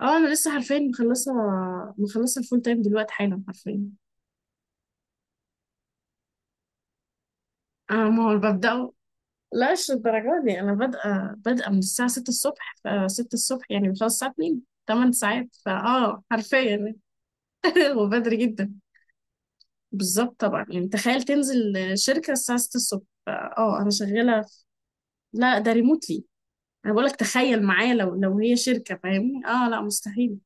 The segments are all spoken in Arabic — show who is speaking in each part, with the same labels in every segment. Speaker 1: اه انا لسه حرفيا مخلصه الفول تايم دلوقتي حالا حرفيا. انا ما هو ببداه. لا مش الدرجه دي. انا بادئه من الساعه 6 الصبح، ف 6 الصبح يعني بخلص الساعه 2، 8 ساعات، فاه حرفيا. وبدري جدا. بالظبط طبعا، يعني تخيل تنزل شركه الساعه 6 الصبح. اه انا شغاله لا ده ريموتلي. انا بقولك تخيل معايا، لو هي شركه فاهمني، اه لا مستحيل.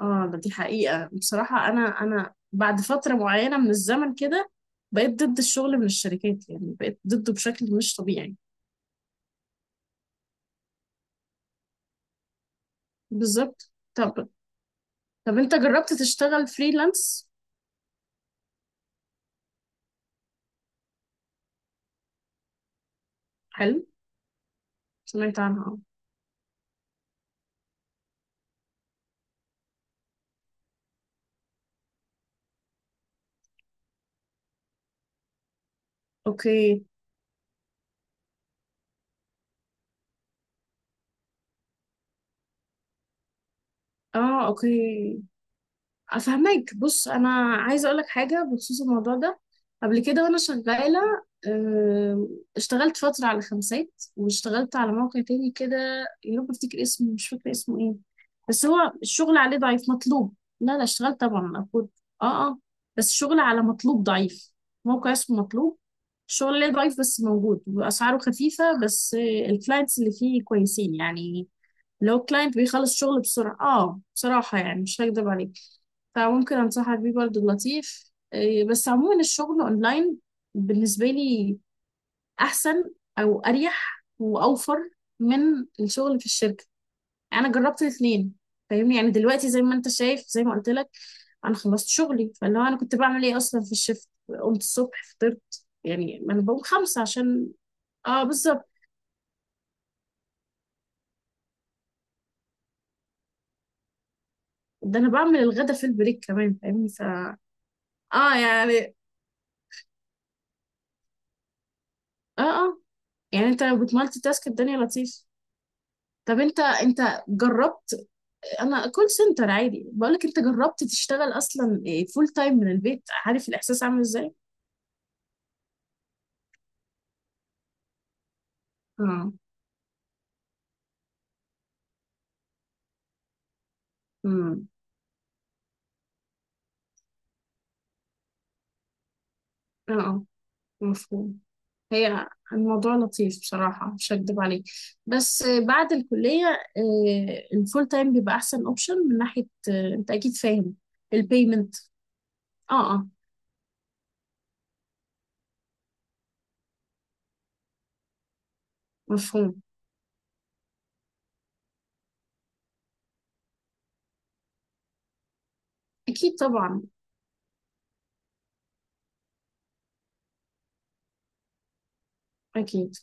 Speaker 1: اه دي حقيقة بصراحة. أنا بعد فترة معينة من الزمن كده بقيت ضد الشغل من الشركات، يعني بقيت ضده بشكل مش طبيعي. بالظبط. طب أنت جربت تشتغل فريلانس؟ حلو. سمعت عنها اه. أوكي. اه أوكي. افهمك. بص انا عايزه اقول لك حاجه بخصوص الموضوع ده. قبل كده وانا شغاله آه، اشتغلت فتره على خمسات واشتغلت على موقع تاني كده. يا رب افتكر اسمه، مش فاكره اسمه ايه. بس هو الشغل عليه ضعيف، مطلوب. لا لا، اشتغلت طبعا المفروض. اه اه. بس الشغل على مطلوب ضعيف. موقع اسمه مطلوب، الشغل عليه ضعيف بس موجود، واسعاره خفيفه. بس الكلاينتس اللي فيه كويسين يعني. لو كلاينت بيخلص شغل بسرعه، اه بصراحه يعني مش هكدب عليك. فممكن انصحك بيه برضو لطيف بس عموما الشغل اونلاين بالنسبه لي احسن، او اريح واوفر من الشغل في الشركه. انا جربت الاثنين فاهمني. يعني دلوقتي زي ما انت شايف، زي ما قلت لك، انا خلصت شغلي، فاللي هو انا كنت بعمل ايه اصلا في الشفت. قمت الصبح فطرت، يعني ما انا بقوم خمسة عشان. اه بالظبط. ده انا بعمل الغدا في البريك كمان فاهمني ف. اه يعني اه اه، يعني انت لو بتمالتي تاسك الدنيا لطيف. طب انت جربت. انا كول سنتر عادي، بقولك انت جربت تشتغل اصلا فول تايم من البيت، عارف الاحساس عامل ازاي؟ اه. امم. اه مفهوم. هي الموضوع لطيف بصراحة مش هكدب عليك. بس بعد الكلية الفول تايم بيبقى أحسن أوبشن من ناحية أنت أكيد فاهم. البيمنت، اه اه مفهوم. أكيد طبعا. أكيد.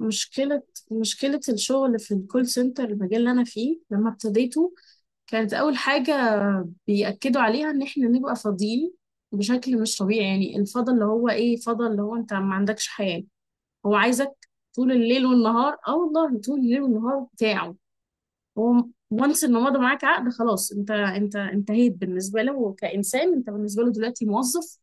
Speaker 1: مشكلة. مشكلة الشغل في الكول سنتر، المجال اللي أنا فيه لما ابتديته، كانت أول حاجة بيأكدوا عليها إن إحنا نبقى فاضيين بشكل مش طبيعي. يعني الفضا اللي هو إيه، فضا اللي هو أنت ما عندكش حياة. هو عايزك طول الليل والنهار، والله طول الليل والنهار بتاعه. هو وانس إن مضى معاك عقد، خلاص أنت انتهيت بالنسبة له كإنسان. أنت بالنسبة له دلوقتي موظف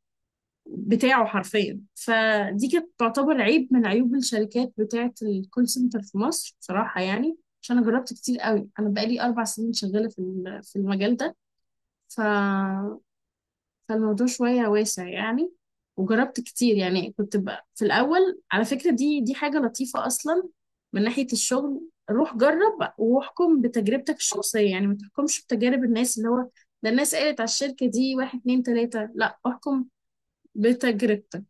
Speaker 1: بتاعه حرفيا. فدي كانت تعتبر عيب من عيوب الشركات بتاعة الكول سنتر في مصر، بصراحة يعني. عشان أنا جربت كتير قوي. أنا بقالي 4 سنين شغالة في المجال ده ف... فالموضوع شوية واسع يعني. وجربت كتير يعني. كنت بقى في الأول، على فكرة دي حاجة لطيفة أصلا من ناحية الشغل. روح جرب واحكم بتجربتك الشخصية. يعني ما تحكمش بتجارب الناس، اللي هو ده الناس قالت على الشركة دي واحد اتنين تلاتة، لا احكم بتجربتك.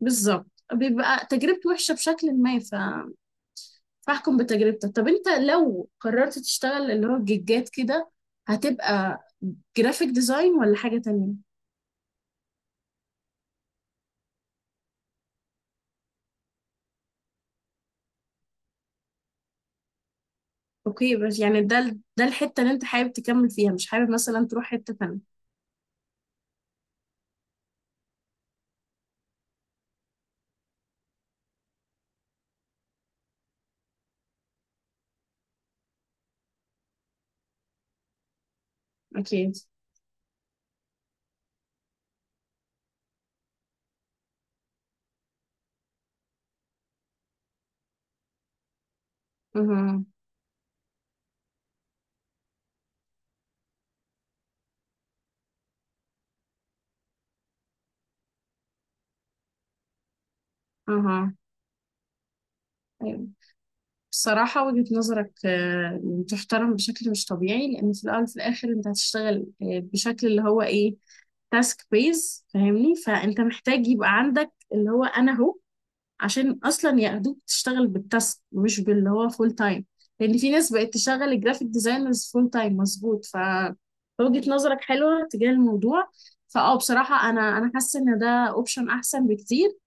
Speaker 1: بالظبط. بيبقى تجربتي وحشة بشكل ما ف... فاحكم بتجربتك. طب انت لو قررت تشتغل اللي هو الجيجات كده، هتبقى جرافيك ديزاين ولا حاجة تانية؟ اوكي. بس يعني ده الحتة اللي انت حابب تكمل فيها، مش حابب مثلا تروح حتة تانية. اكيد. اها. اها. أيوة. بصراحة وجهة نظرك تحترم بشكل مش طبيعي، لأن في الأول وفي الآخر أنت هتشتغل بشكل اللي هو إيه، تاسك بيز فاهمني. فأنت محتاج يبقى عندك اللي هو أنا هو، عشان اصلا ياخدوك تشتغل بالتاسك مش باللي هو فول تايم. لان في ناس بقت تشغل الجرافيك ديزاينرز فول تايم مظبوط ف. وجهة نظرك حلوة تجاه الموضوع. فاه بصراحة انا حاسة ان ده اوبشن احسن بكتير.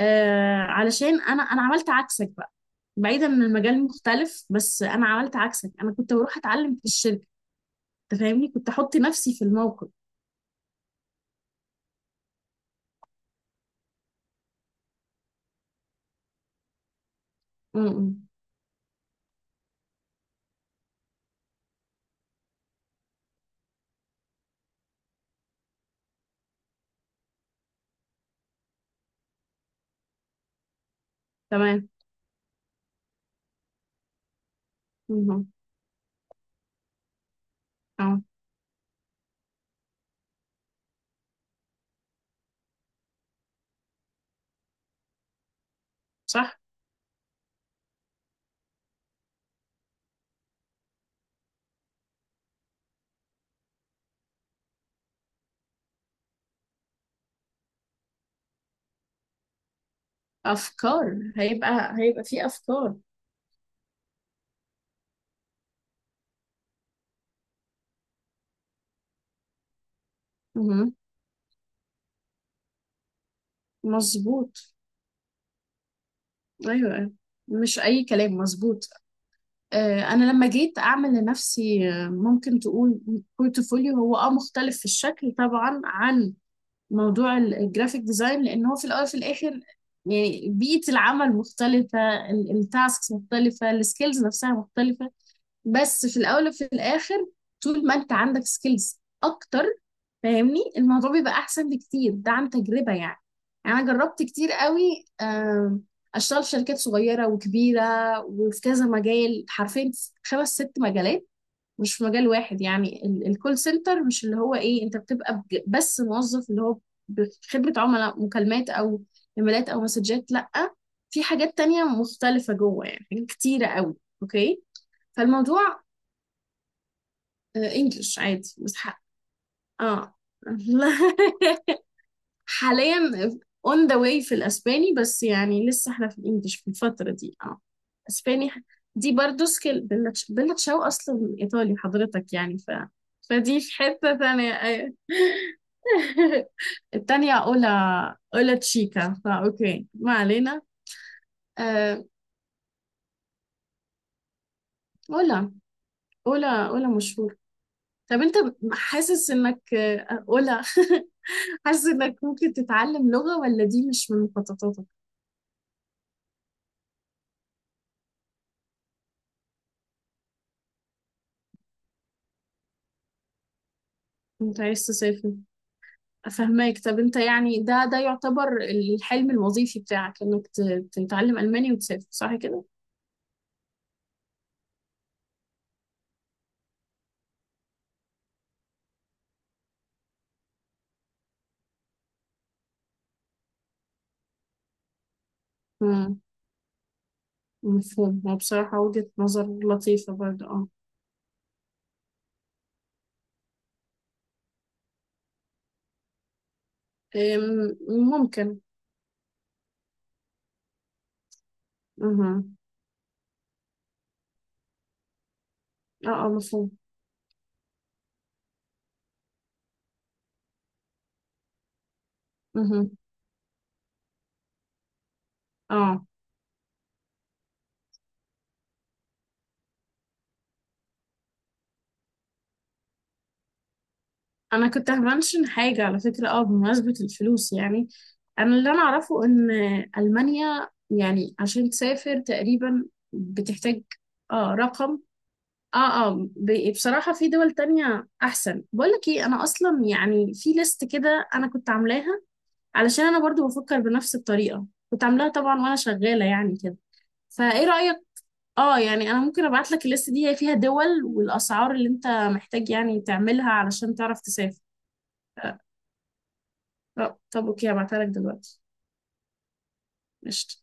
Speaker 1: آه علشان انا عملت عكسك بقى. بعيدا ان المجال مختلف، بس انا عملت عكسك. انا كنت بروح اتعلم في الشركة. انت فاهمني، كنت احط نفسي في الموقف. م -م. تمام. م -م. اه صح. افكار هيبقى في افكار. مظبوط. ايوه أيوة. مش اي كلام، مظبوط. انا لما جيت اعمل لنفسي ممكن تقول بورتفوليو، هو اه مختلف في الشكل طبعا عن موضوع الجرافيك ديزاين، لان هو في الاول وفي الاخر يعني بيئة العمل مختلفة، التاسكس مختلفة، السكيلز نفسها مختلفة. بس في الاول وفي الاخر، طول ما انت عندك سكيلز اكتر فاهمني، الموضوع بيبقى احسن بكتير، ده عن تجربة يعني. يعني انا جربت كتير قوي اشتغل في شركات صغيرة وكبيرة، وفي كذا مجال حرفيا، 5 6 مجالات، مش في مجال واحد يعني. الكول سنتر مش اللي هو ايه انت بتبقى بس موظف، اللي هو بخدمة عملاء، مكالمات او ايميلات او مسجات. لا في حاجات تانية مختلفة جوه، يعني حاجات كتيرة قوي. اوكي. فالموضوع انجلش عادي بس اه. لا حاليا اون ذا واي في الاسباني، بس يعني لسه احنا في الانجليش في الفترة دي اه. اسباني دي برضو سكيل. بيلا تشاو اصلا ايطالي حضرتك يعني ف. فدي في حتة ثانية ايوه. التانية أولا، أولا تشيكا، فأوكي ما علينا. آه، أولا. أولا مشهور. طب أنت حاسس إنك أولا، حاسس إنك ممكن تتعلم لغة، ولا دي مش من مخططاتك؟ أنت عايز تسافر؟ فهماك. طب انت يعني ده يعتبر الحلم الوظيفي بتاعك، انك تتعلم الماني وتسافر صح كده؟ امم. مفهوم. هو بصراحة وجهة نظر لطيفة برضه اه. ام، ممكن. اها اه اه مفهوم. اها. اه انا كنت همنشن حاجة على فكرة، اه بمناسبة الفلوس يعني. انا اللي انا اعرفه ان المانيا يعني عشان تسافر تقريبا بتحتاج اه رقم اه اه. بصراحة في دول تانية أحسن. بقولك ايه، أنا أصلا يعني في ليست كده أنا كنت عاملاها، علشان أنا برضو بفكر بنفس الطريقة. كنت عاملاها طبعا وأنا شغالة يعني كده. فايه رأيك؟ اه يعني أنا ممكن أبعتلك الليست دي، هي فيها دول والأسعار اللي أنت محتاج يعني تعملها علشان تعرف تسافر. آه، طب أوكي هبعتها لك دلوقتي. قشطة.